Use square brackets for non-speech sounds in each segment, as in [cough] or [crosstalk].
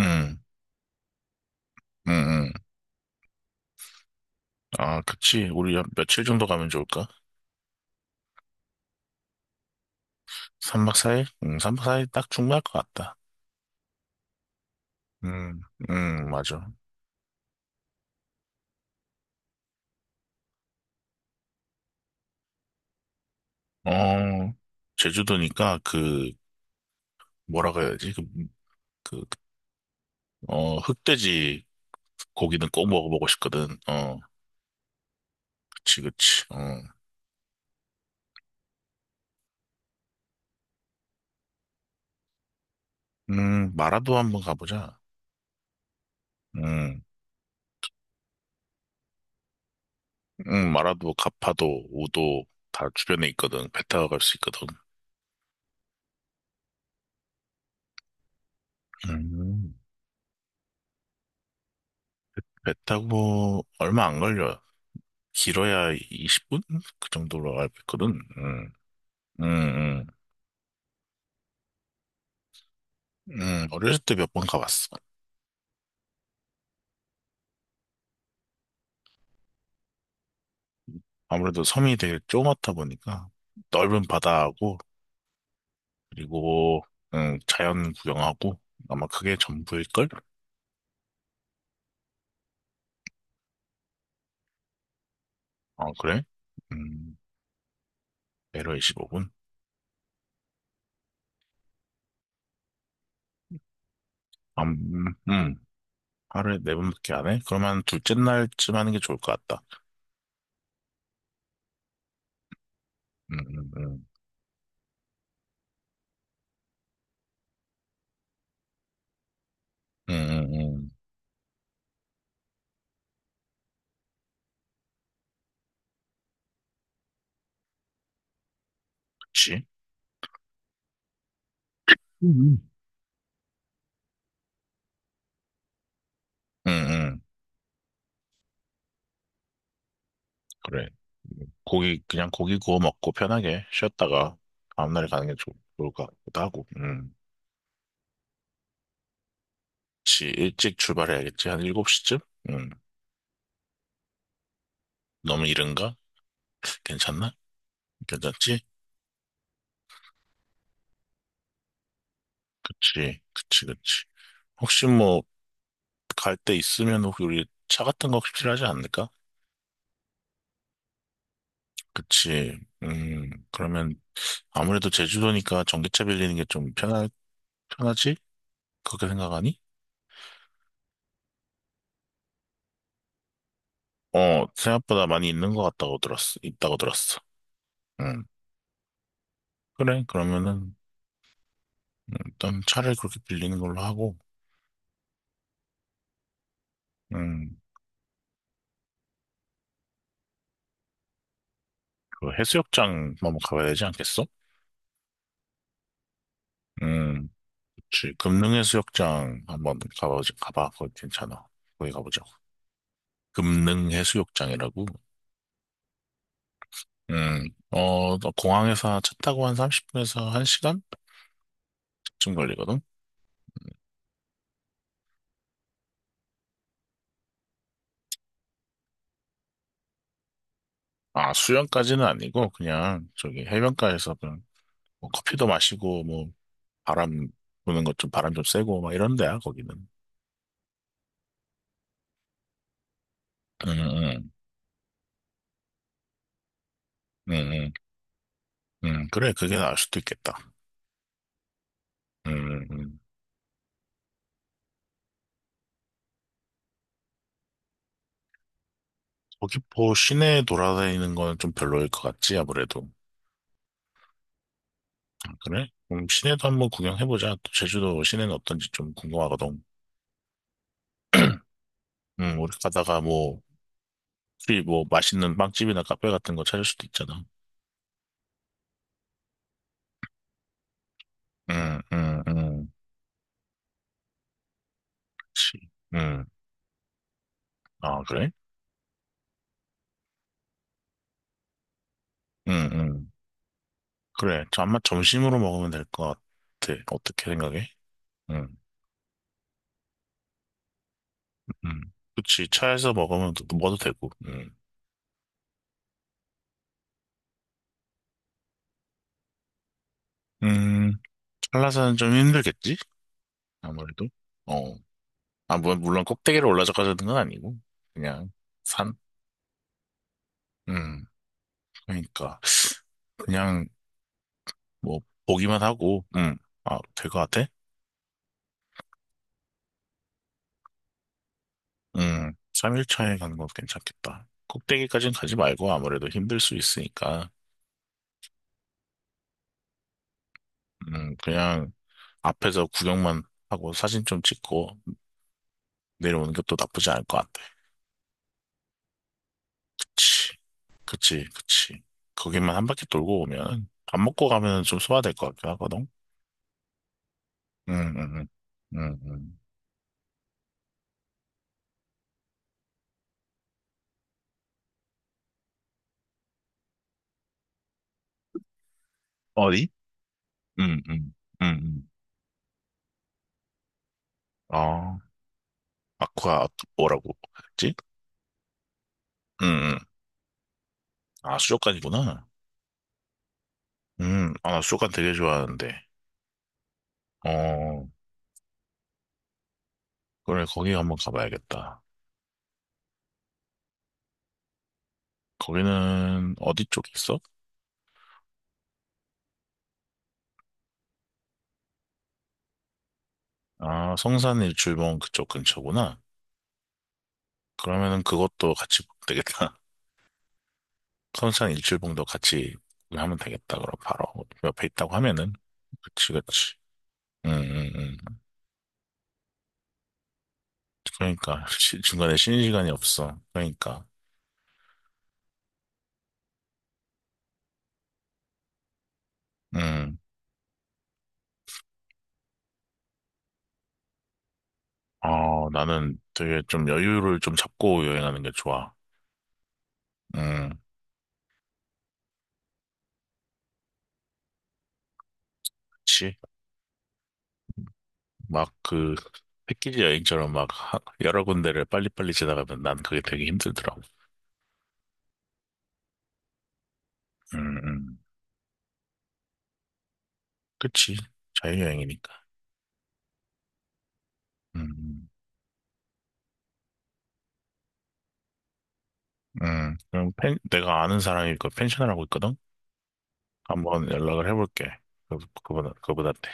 음, 음, 음. 아, 그치. 우리 한 며칠 정도 가면 좋을까? 3박 4일? 3박 4일 딱 충분할 것 같다. 음, 맞아. 어, 제주도니까 그, 뭐라고 해야지? 그, 그, 어, 흑돼지 고기는 꼭 먹어보고 싶거든. 어, 그치, 그치. 어, 마라도 한번 가보자. 음, 마라도, 가파도, 우도 다 주변에 있거든. 배 타고 갈 수 있거든. 음, 배 타고 얼마 안 걸려. 길어야 20분? 그 정도로 알고 있거든. 음, 음, 음. 어렸을 때 몇 번 가봤어. 아무래도 섬이 되게 조그맣다 보니까 넓은 바다하고, 그리고, 자연 구경하고, 아마 그게 전부일걸? 어, 그래? 음, 내려 25분? 음, 음, 하루에 네 번밖에 안 해? 그러면 둘째 날쯤 하는 게 좋을 것 같다. 음, 음, 음, 음, 음, 음. 그치? 음, 음. 음, 음. 그래. 고기, 그냥 고기 구워 먹고 편하게 쉬었다가 다음날에 가는 게 좋을 것 같기도 하고. 음. 혹시 일찍 출발해야겠지? 한 7시쯤? 음. 너무 이른가? 괜찮나? 괜찮지? 그치, 그치, 그치. 혹시 뭐, 갈 때 있으면 혹시 우리 차 같은 거 혹시 필요하지 않을까? 그치. 그러면 아무래도 제주도니까 전기차 빌리는 게 좀 편하지? 그렇게 생각하니? 어, 생각보다 많이 있는 것 같다고 들었어. 있다고 들었어. 음. 그래, 그러면은 일단 차를 그렇게 빌리는 걸로 하고, 음, 그 해수욕장 한번 가봐야 되지 않겠어? 음, 그치. 금능 해수욕장 한번 가보자, 가봐. 거기 괜찮아. 거기 가보자. 금능 해수욕장이라고. 어, 너 공항에서 차 타고 한 30분에서 1시간쯤 걸리거든? 음, 아, 수영까지는 아니고, 그냥 저기 해변가에서 그냥 뭐 커피도 마시고, 뭐, 바람 부는 것 좀, 바람 좀 쐬고, 막 이런 데야, 거기는. 응, 응, 응, 응, 응. 그래, 그게 나을 수도 있겠다. 음, 음. 서귀포 시내 돌아다니는 건 좀 별로일 것 같지, 아무래도. 아, 그래? 그럼 시내도 한번 구경해보자. 또 제주도 시내는 어떤지 좀 궁금하거든. 우리 가다가 뭐, 혹시 뭐 맛있는 빵집이나 카페 같은 거 찾을 수도 있잖아. 응, 응, 응. 그치. 응, 아, 그래? 응, 응. 그래. 저 아마 점심으로 먹으면 될 것 같아. 어떻게 생각해? 응, 응. 그치. 차에서 먹으면 또 먹어도 되고. 응. 음, 한라산은 좀 힘들겠지? 아무래도. 어. 아, 뭐, 물론 꼭대기를 올라서까지는 건 아니고, 그냥 산? 음, 그러니까. 그냥 뭐, 보기만 하고, 아, 될 것 같아? 3일차에 가는 것도 괜찮겠다. 꼭대기까지는 가지 말고 아무래도 힘들 수 있으니까, 그냥 앞에서 구경만 하고 사진 좀 찍고 내려오는 것도 나쁘지 않을 것 같아. 그치, 그치, 그치. 거기만 한 바퀴 돌고 오면 밥 먹고 가면 좀 소화될 것 같긴 하거든? 응, 응, 응, 응, 응. 어디? 음, 음, 음, 음. 아, 아쿠아, 뭐라고 했지? 음, 음. 아, 수족관이구나. 아, 나 수족관 되게 좋아하는데. 어, 그래, 거기 한번 가봐야겠다. 거기는 어디 쪽에 있어? 아, 성산 일출봉 그쪽 근처구나. 그러면은 그것도 같이 보면 되겠다. [laughs] 성산 일출봉도 같이 하면 되겠다. 그럼 바로 그 옆에 있다고 하면은. 그치, 그치. 응, 응, 응. 그러니까, 시- 중간에 쉬는 시간이 없어. 그러니까. 응. 어, 나는 되게 좀 여유를 좀 잡고 여행하는 게 좋아. 음, 그치? 막 그, 패키지 여행처럼 막 하- 여러 군데를 빨리빨리 지나가면 난 그게 되게 힘들더라고. 음, 음. 그치? 자유여행이니까. 음, 그럼 펜, 내가 아는 사람이 그 펜션을 하고 있거든? 한번 연락을 해볼게. 그, 그분한테.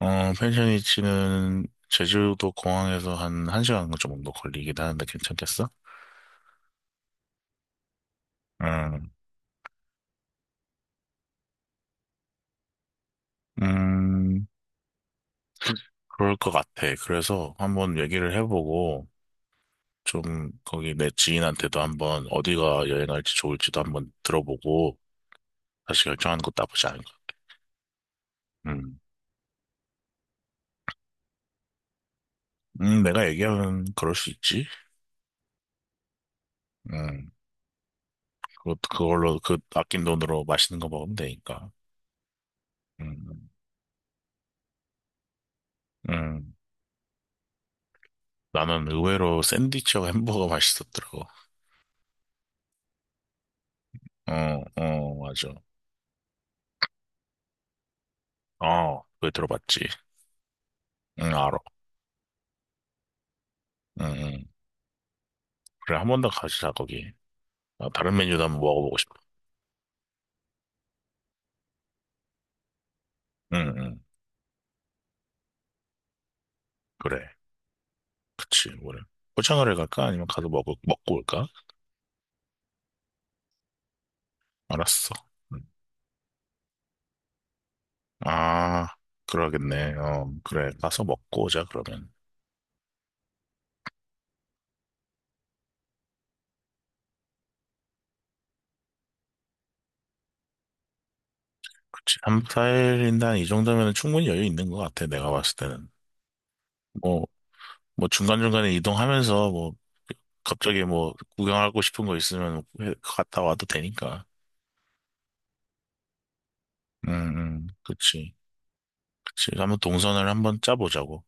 어, 펜션 위치는 제주도 공항에서 한 1시간 정도 걸리긴 하는데 괜찮겠어? 음, 음. 그럴 것 같아. 그래서 한번 얘기를 해보고, 좀 거기 내 지인한테도 한번 어디가 여행할지 좋을지도 한번 들어보고, 다시 결정하는 것도 나쁘지 않은 것 같아. 음. 내가 얘기하면 그럴 수 있지. 음, 그걸로, 그 아낀 돈으로 맛있는 거 먹으면 되니까. 음, 음. 나는 의외로 샌드위치하고 햄버거 [laughs] 맛있었더라고. 어, 어, 맞아. 어, 그거 들어봤지. 응, 알아. 응, 응. 그래, 한 번 더 가자, 거기. 아, 다른 메뉴도 한번 먹어보고 싶어. 응, 응. 그래. 그치, 뭐래. 포장을 갈까? 아니면 가서 먹고 올까? 알았어. 음. 아, 그러겠네. 어, 그래. 가서 먹고 오자, 그러면. 그치. 3박 4일인데 한이 정도면 충분히 여유 있는 것 같아, 내가 봤을 때는. 뭐, 뭐 중간중간에 이동하면서 뭐, 갑자기 뭐, 구경하고 싶은 거 있으면 해- 갔다 와도 되니까. 응, 응, 그치. 그치. 한번 동선을 한번 짜보자고.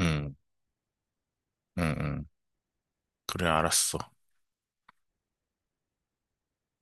응, 응, 응. 그래, 알았어.